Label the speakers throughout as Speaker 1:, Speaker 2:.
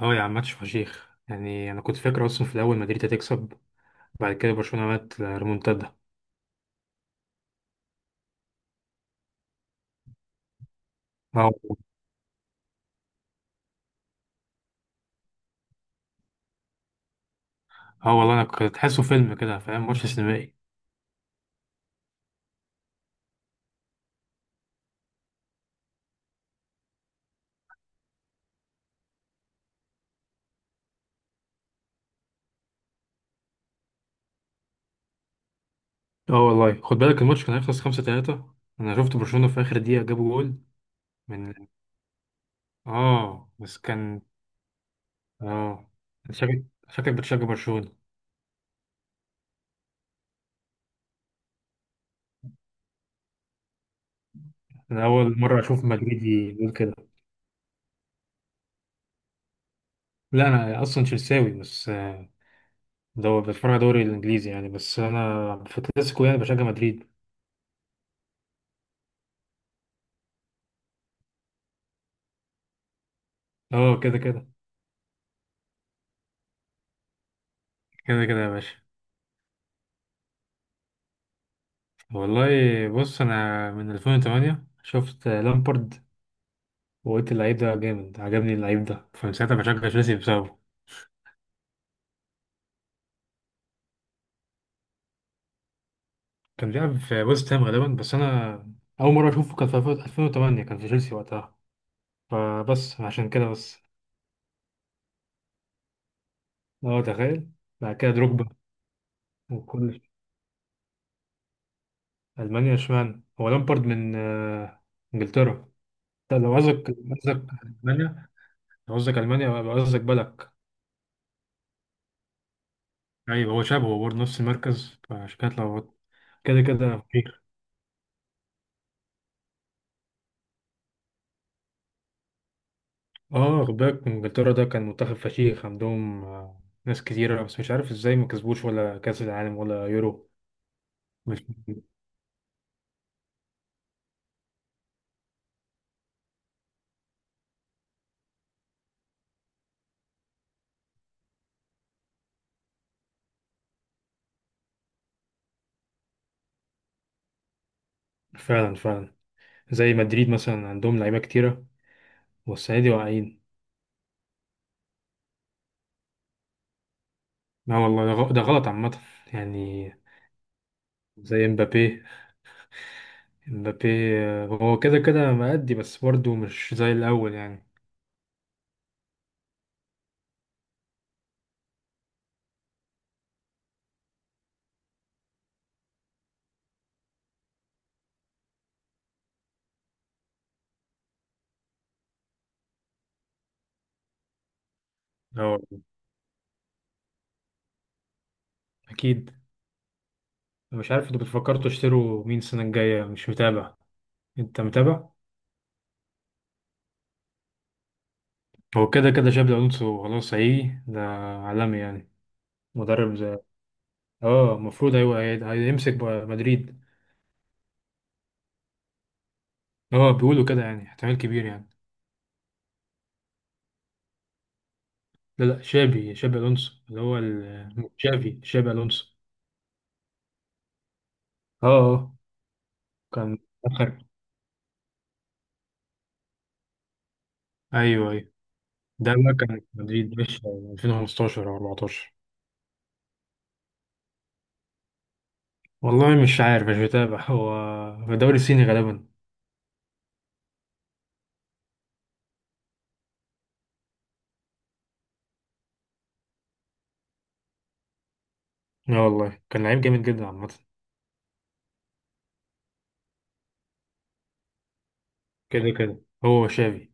Speaker 1: اه يا عم، ماتش فشيخ. يعني انا كنت فاكر اصلا في الاول مدريد هتكسب. بعد كده برشلونه عملت ريمونتادا. اه. اه والله انا كنت تحسه فيلم كده، فاهم؟ ماتش سينمائي. اه والله خد بالك الماتش كان هيخلص 5-3. انا شفت برشلونه في اخر دقيقه جابوا جول من... اه بس كان... اه. شكلك بتشجع برشلونه؟ انا اول مره اشوف مدريدي يقول كده. لا، انا اصلا تشيلساوي، بس دو بتفرج على الدوري الانجليزي يعني، بس انا في الكلاسيكو يعني بشجع مدريد. اه، كده كده. كده كده يا باشا. والله بص، انا من 2008 شفت لامبارد وقلت اللعيب ده جامد، عجبني اللعيب ده، فمن ساعتها بشجع تشيلسي بسببه. كان بيلعب في ويست هام غالبا، بس انا اول مره اشوفه كان في 2008 كان في تشيلسي وقتها، فبس عشان كده بس. اه تخيل. بعد كده دروجبا وكل... المانيا؟ اشمعنى؟ هو لامبارد من انجلترا. لا، لو قصدك المانيا، لو قصدك المانيا يبقى قصدك بالك. ايوه هو شبهه برضه نفس المركز فعشان كده اتلخبطت. كده كده. اه خد بالك انجلترا ده كان منتخب فشيخ عندهم ناس كتيرة، بس مش عارف ازاي ما كسبوش ولا كأس العالم ولا يورو. مش... فعلا فعلا. زي مدريد مثلا عندهم لعيبة كتيرة، والسنة دي واقعين. لا والله ده ده غلط عامة، يعني. زي مبابي. مبابي هو كده كده مأدي، بس برضه مش زي الأول يعني. اه أكيد. مش عارف انتوا بتفكروا تشتروا مين السنة الجاية، مش متابع. انت متابع؟ هو كده كده شابي ألونسو خلاص هيجي ده، عالمي يعني. مدرب زي... اه، المفروض ايوه، هيمسك بقى مدريد. اه بيقولوا كده يعني، احتمال كبير يعني. لا لا، شابي الونسو اللي هو شافي الونسو. اه. اه كان... اخر... ايوه ايوه. ده بقى كان مدريد، مش 2015 او 14؟ والله مش عارف، مش بتابع. هو في الدوري الصيني غالبا. اه والله كان لعيب جامد جدا عامة. كده كده هو شافي.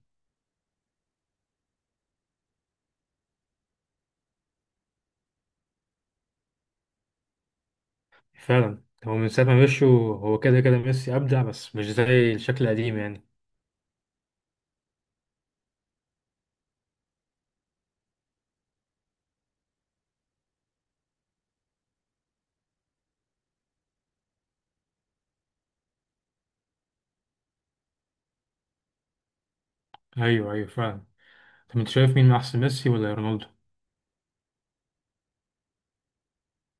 Speaker 1: فعلا. هو من ساعة ما مشوا هو كده كده ميسي أبدع، بس مش زي الشكل القديم يعني. أيوه أيوه فعلا. طب انت شايف مين احسن، ميسي ولا رونالدو؟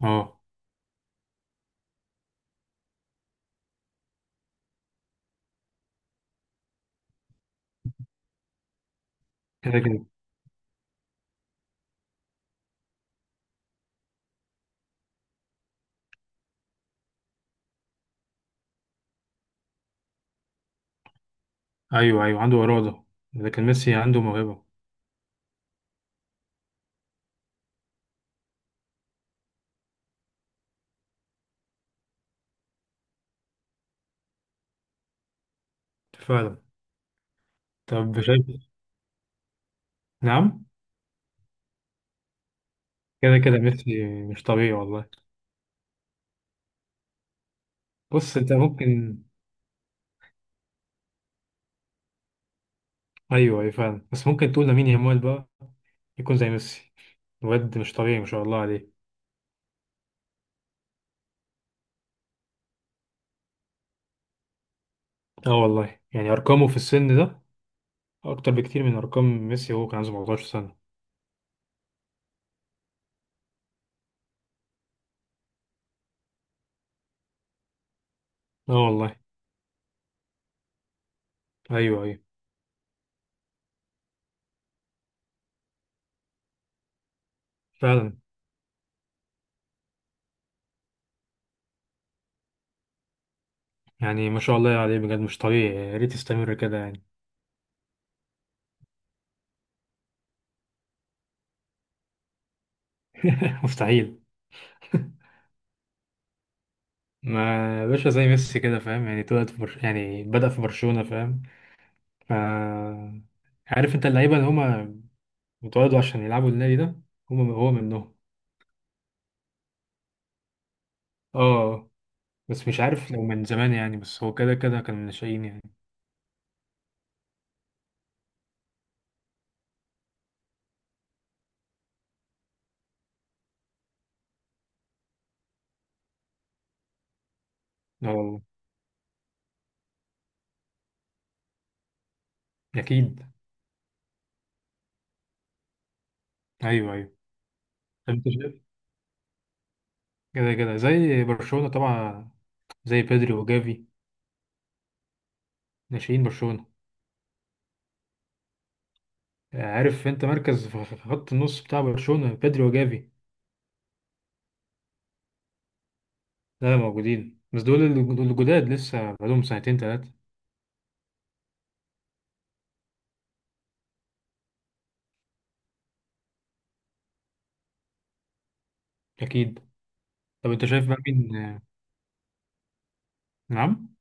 Speaker 1: اه. كده كده. ايوه ايوه عنده اراده، لكن ميسي عنده موهبه. فعلا. طب شايف... نعم. كده كده ميسي مش طبيعي والله. بص انت ممكن... ايوه ايوه فعلا، بس ممكن تقول لامين يامال بقى يكون زي ميسي. واد مش طبيعي ما شاء الله عليه. اه والله، يعني ارقامه في السن ده اكتر بكتير من ارقام ميسي وهو كان عنده 17 سنه. اه والله. ايوه ايوه فعلا. يعني ما شاء الله عليه بجد، مش طبيعي، يا ريت يستمر كده يعني. مستحيل. ما باشا زي ميسي كده، فاهم يعني؟ طلع في برش... يعني بدأ في برشلونة، فاهم؟ ف... عارف انت اللعيبة اللي هما اتولدوا عشان يلعبوا النادي ده؟ هما هو منهم. اه بس مش عارف لو من زمان يعني، بس هو كده كده كان من الناشئين يعني. اه والله. اكيد. ايوه ايوه. طب انت شايف... كده كده زي برشلونة طبعا، زي بيدري وجافي، ناشئين برشلونة. عارف انت مركز في خط النص بتاع برشلونة بيدري وجافي؟ لا موجودين، بس دول الجداد لسه بقالهم سنتين تلاتة. أكيد. طب انت شايف بقى مين... نعم.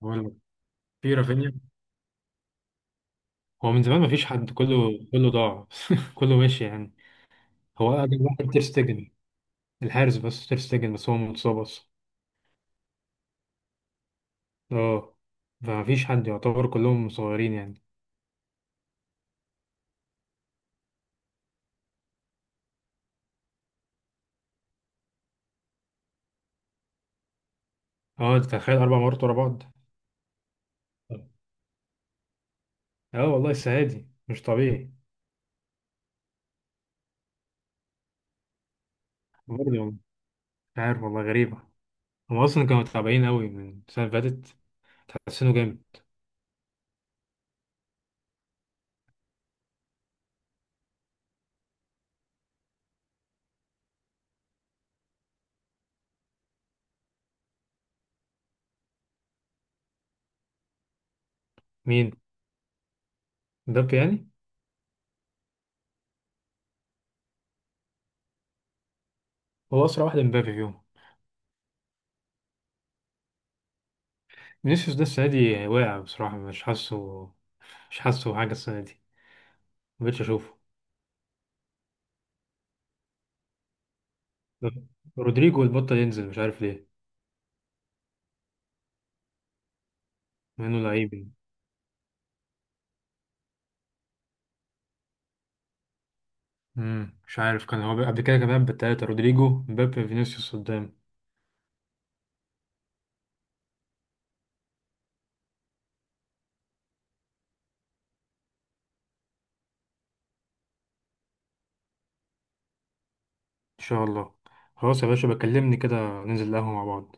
Speaker 1: بقول لك، في رافينيا. هو من زمان مفيش حد، كله كله ضاع كله ماشي يعني. هو اقدم واحد تير شتيجن الحارس، بس تير شتيجن بس هو متصاب اصلا. اه. فمفيش حد، يعتبر كلهم صغيرين يعني. اه انت تخيل 4 مرات ورا بعض. اه والله السنه دي مش طبيعي. برضه والله مش عارف، والله غريبه. هم اصلا كانوا تعبانين قوي من السنه اللي فاتت، تحسنوا جامد. مين؟ مبابي يعني؟ هو اسرع واحد مبابي فيهم. فينيسيوس ده السنة دي واقع بصراحة، مش حاسه، حاجة السنة دي، مبقتش أشوفه. رودريجو البطل ينزل، مش عارف ليه. مع إنه لعيب يعني. مم، مش عارف، كان هو قبل كده كمان بالتلاتة رودريجو مبابي فينيسيوس قدام. إن شاء الله. خلاص يا باشا، بكلمني كده، ننزل القهوة مع بعض.